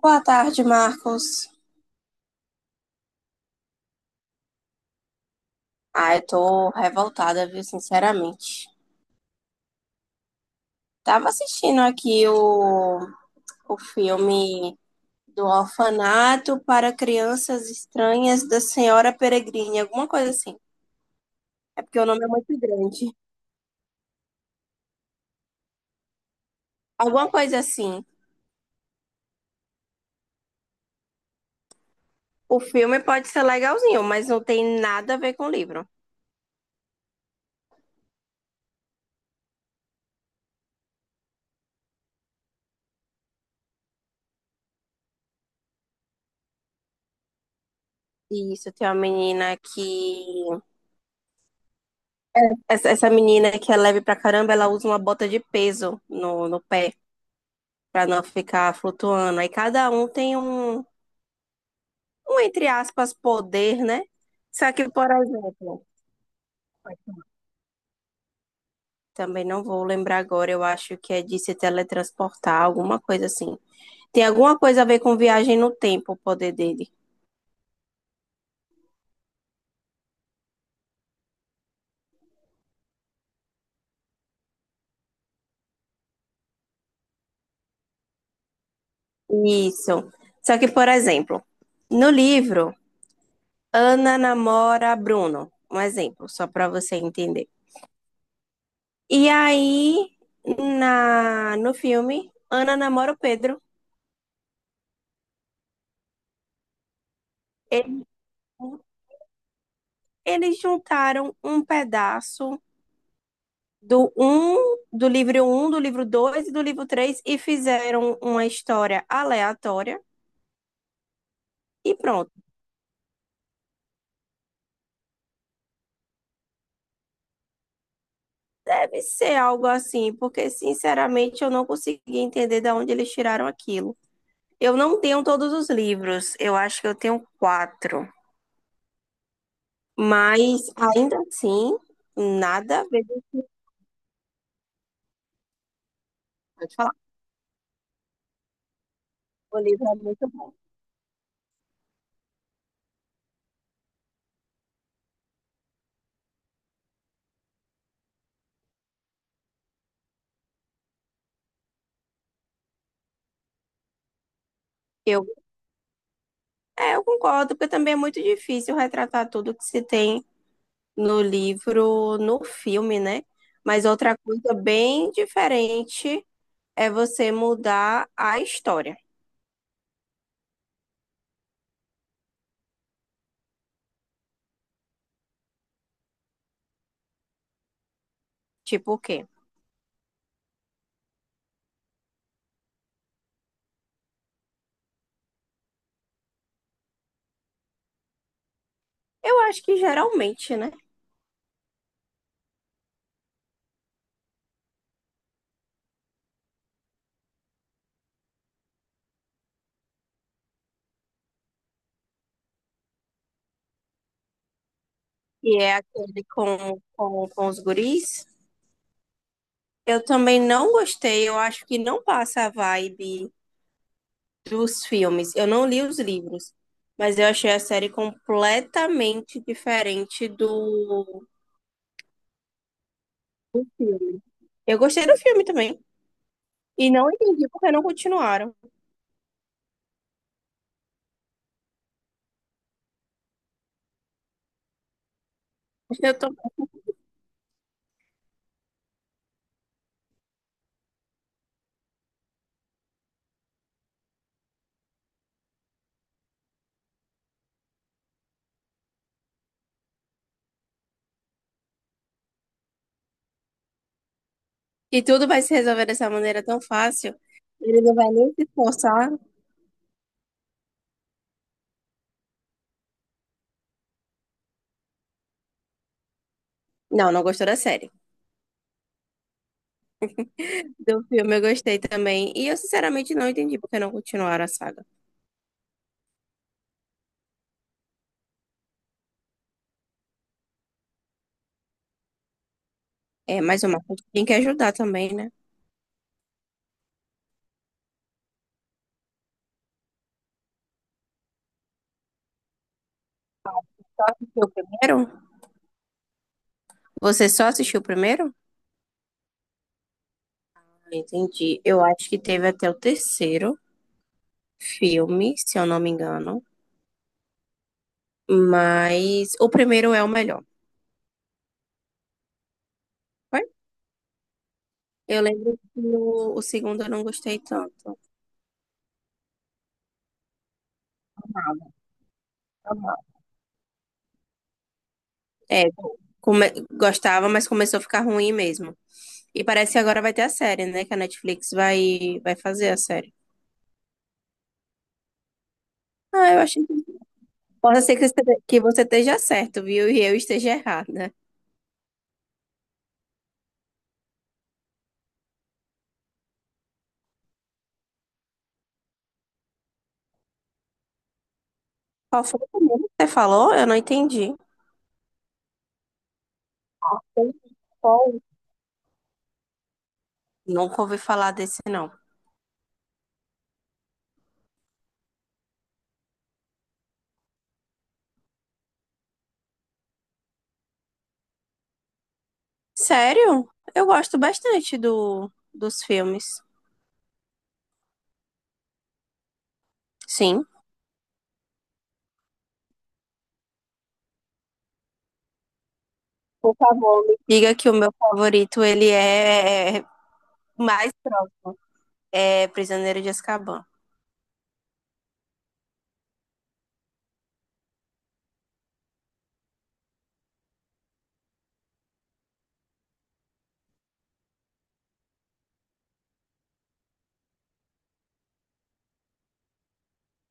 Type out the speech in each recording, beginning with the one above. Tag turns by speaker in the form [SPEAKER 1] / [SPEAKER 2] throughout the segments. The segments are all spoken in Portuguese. [SPEAKER 1] Boa tarde, Marcos. Ah, eu tô revoltada, viu, sinceramente. Tava assistindo aqui o filme do Orfanato para Crianças Estranhas da Senhora Peregrine, alguma coisa assim. É porque o nome é muito grande. Alguma coisa assim. O filme pode ser legalzinho, mas não tem nada a ver com o livro. Isso, tem uma menina que. Essa menina que é leve pra caramba, ela usa uma bota de peso no pé, para não ficar flutuando. Aí cada um tem um, entre aspas, poder, né? Só que, por exemplo, também não vou lembrar agora, eu acho que é de se teletransportar, alguma coisa assim. Tem alguma coisa a ver com viagem no tempo, o poder dele. Isso. Só que, por exemplo, no livro, Ana namora Bruno. Um exemplo, só para você entender. E aí, no filme, Ana namora o Pedro. Ele eles juntaram um pedaço do um, do livro um, do livro 2 e do livro 3 e fizeram uma história aleatória e pronto. Deve ser algo assim, porque sinceramente eu não consegui entender de onde eles tiraram aquilo. Eu não tenho todos os livros, eu acho que eu tenho quatro, mas ainda assim, nada a ver. Pode falar, o livro é muito bom. Eu, eu concordo, porque também é muito difícil retratar tudo que se tem no livro, no filme, né? Mas outra coisa bem diferente é você mudar a história. Tipo o quê? Eu acho que geralmente, né? Que é aquele com os guris. Eu também não gostei, eu acho que não passa a vibe dos filmes. Eu não li os livros, mas eu achei a série completamente diferente do filme. Eu gostei do filme também. E não entendi porque não continuaram. Eu tô que tudo vai se resolver dessa maneira tão fácil. Ele não vai nem se esforçar. Não, não gostou da série. Do filme eu gostei também. E eu, sinceramente, não entendi porque não continuaram a saga. É, mas o Marcos tem que ajudar também, né? Porque o primeiro? Você só assistiu o primeiro? Entendi. Eu acho que teve até o 3º filme, se eu não me engano. Mas o primeiro é o melhor. Foi? Eu lembro que o segundo eu não gostei tanto. É, come- gostava, mas começou a ficar ruim mesmo. E parece que agora vai ter a série, né? Que a Netflix vai fazer a série. Ah, eu acho que pode ser que você esteja certo, viu? E eu esteja errada. Qual foi o primeiro que você falou? Eu não entendi. Paul. Nunca ouvi falar desse, não. Sério? Eu gosto bastante dos filmes. Sim. Por favor, me diga que o meu favorito, ele é mais próximo. É Prisioneiro de Azkaban.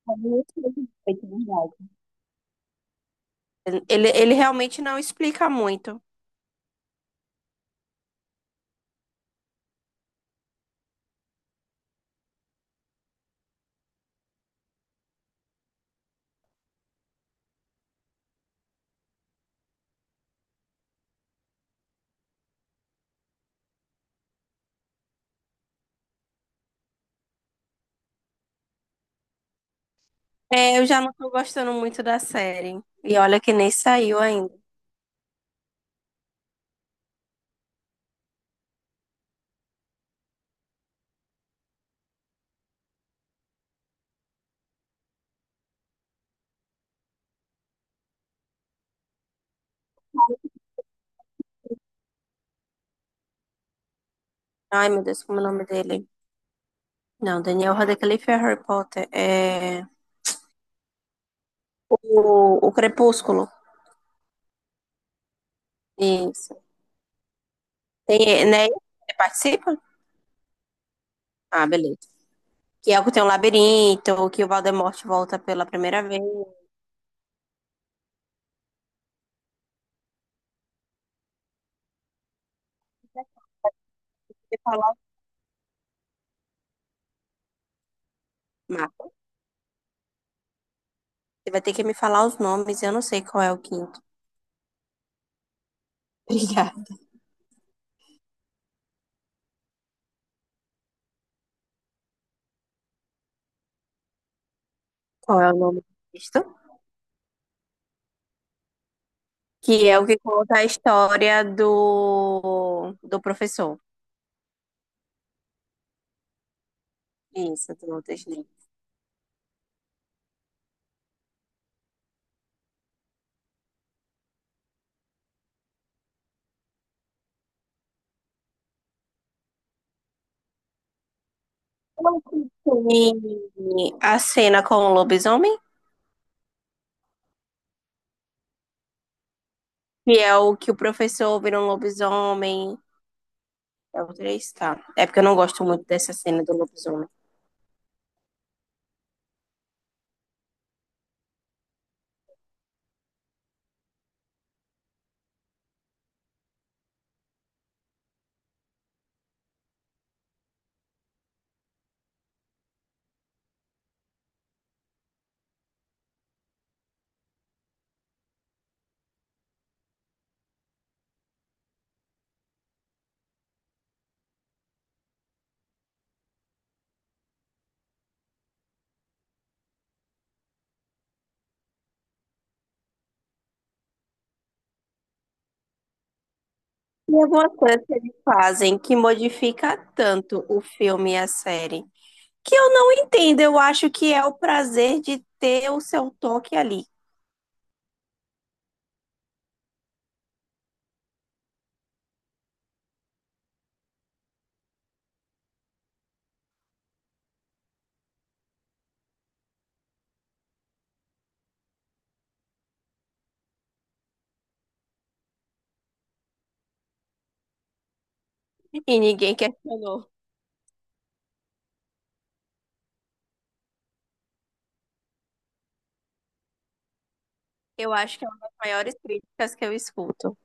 [SPEAKER 1] É muito bem feito, de verdade. Ele realmente não explica muito. É, eu já não tô gostando muito da série. E olha que nem saiu ainda. Ai, meu Deus, como é o nome dele? Não, Daniel Radcliffe é Harry Potter. É o Crepúsculo. Isso. Tem, né? Ele participa? Ah, beleza. Que é o que tem um labirinto, que o Voldemort volta pela primeira vez. Você falar o mapa. Você vai ter que me falar os nomes, eu não sei qual é o quinto. Obrigada. Qual é o nome disso? Que é o que conta a história do professor. Isso, do Walter. Qual que tem a cena com o lobisomem? Que é o que o professor vira um lobisomem. É o 3, tá. É porque eu não gosto muito dessa cena do lobisomem. E algumas coisas que eles fazem que modifica tanto o filme e a série. Que eu não entendo. Eu acho que é o prazer de ter o seu toque ali. E ninguém questionou. Eu acho que é uma das maiores críticas que eu escuto.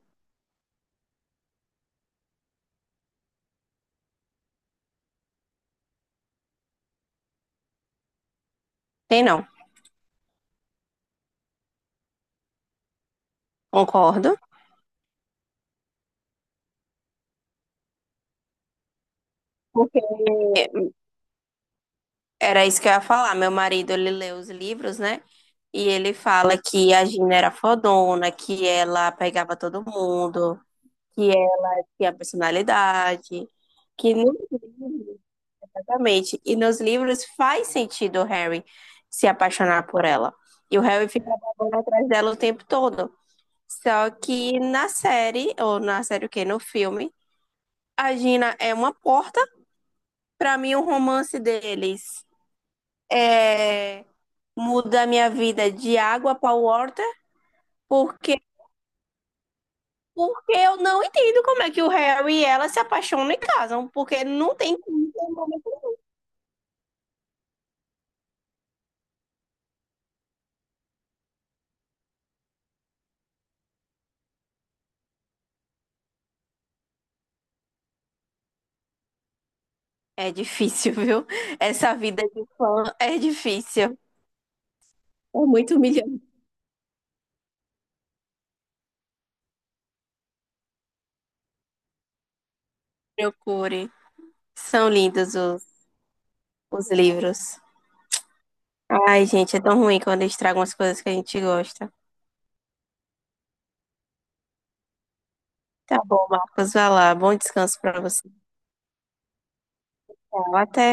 [SPEAKER 1] Tem não. Concordo. Porque era isso que eu ia falar. Meu marido, ele lê os livros, né? E ele fala que a Gina era fodona, que ela pegava todo mundo, que ela tinha personalidade, que nos livros, exatamente. E nos livros faz sentido o Harry se apaixonar por ela. E o Harry fica babando atrás dela o tempo todo. Só que na série, ou na série o quê? No filme, a Gina é uma porta. Pra mim, o romance deles é muda a minha vida de água para water, porque porque eu não entendo como é que o Harry e ela se apaixonam e casam, porque não tem como ter um momento. É difícil, viu? Essa vida de fã é difícil. É muito humilhante. Procure. São lindos os livros. Ai, gente, é tão ruim quando estragam as coisas que a gente gosta. Tá bom, Marcos, vai lá. Bom descanso para você. Tchau, até.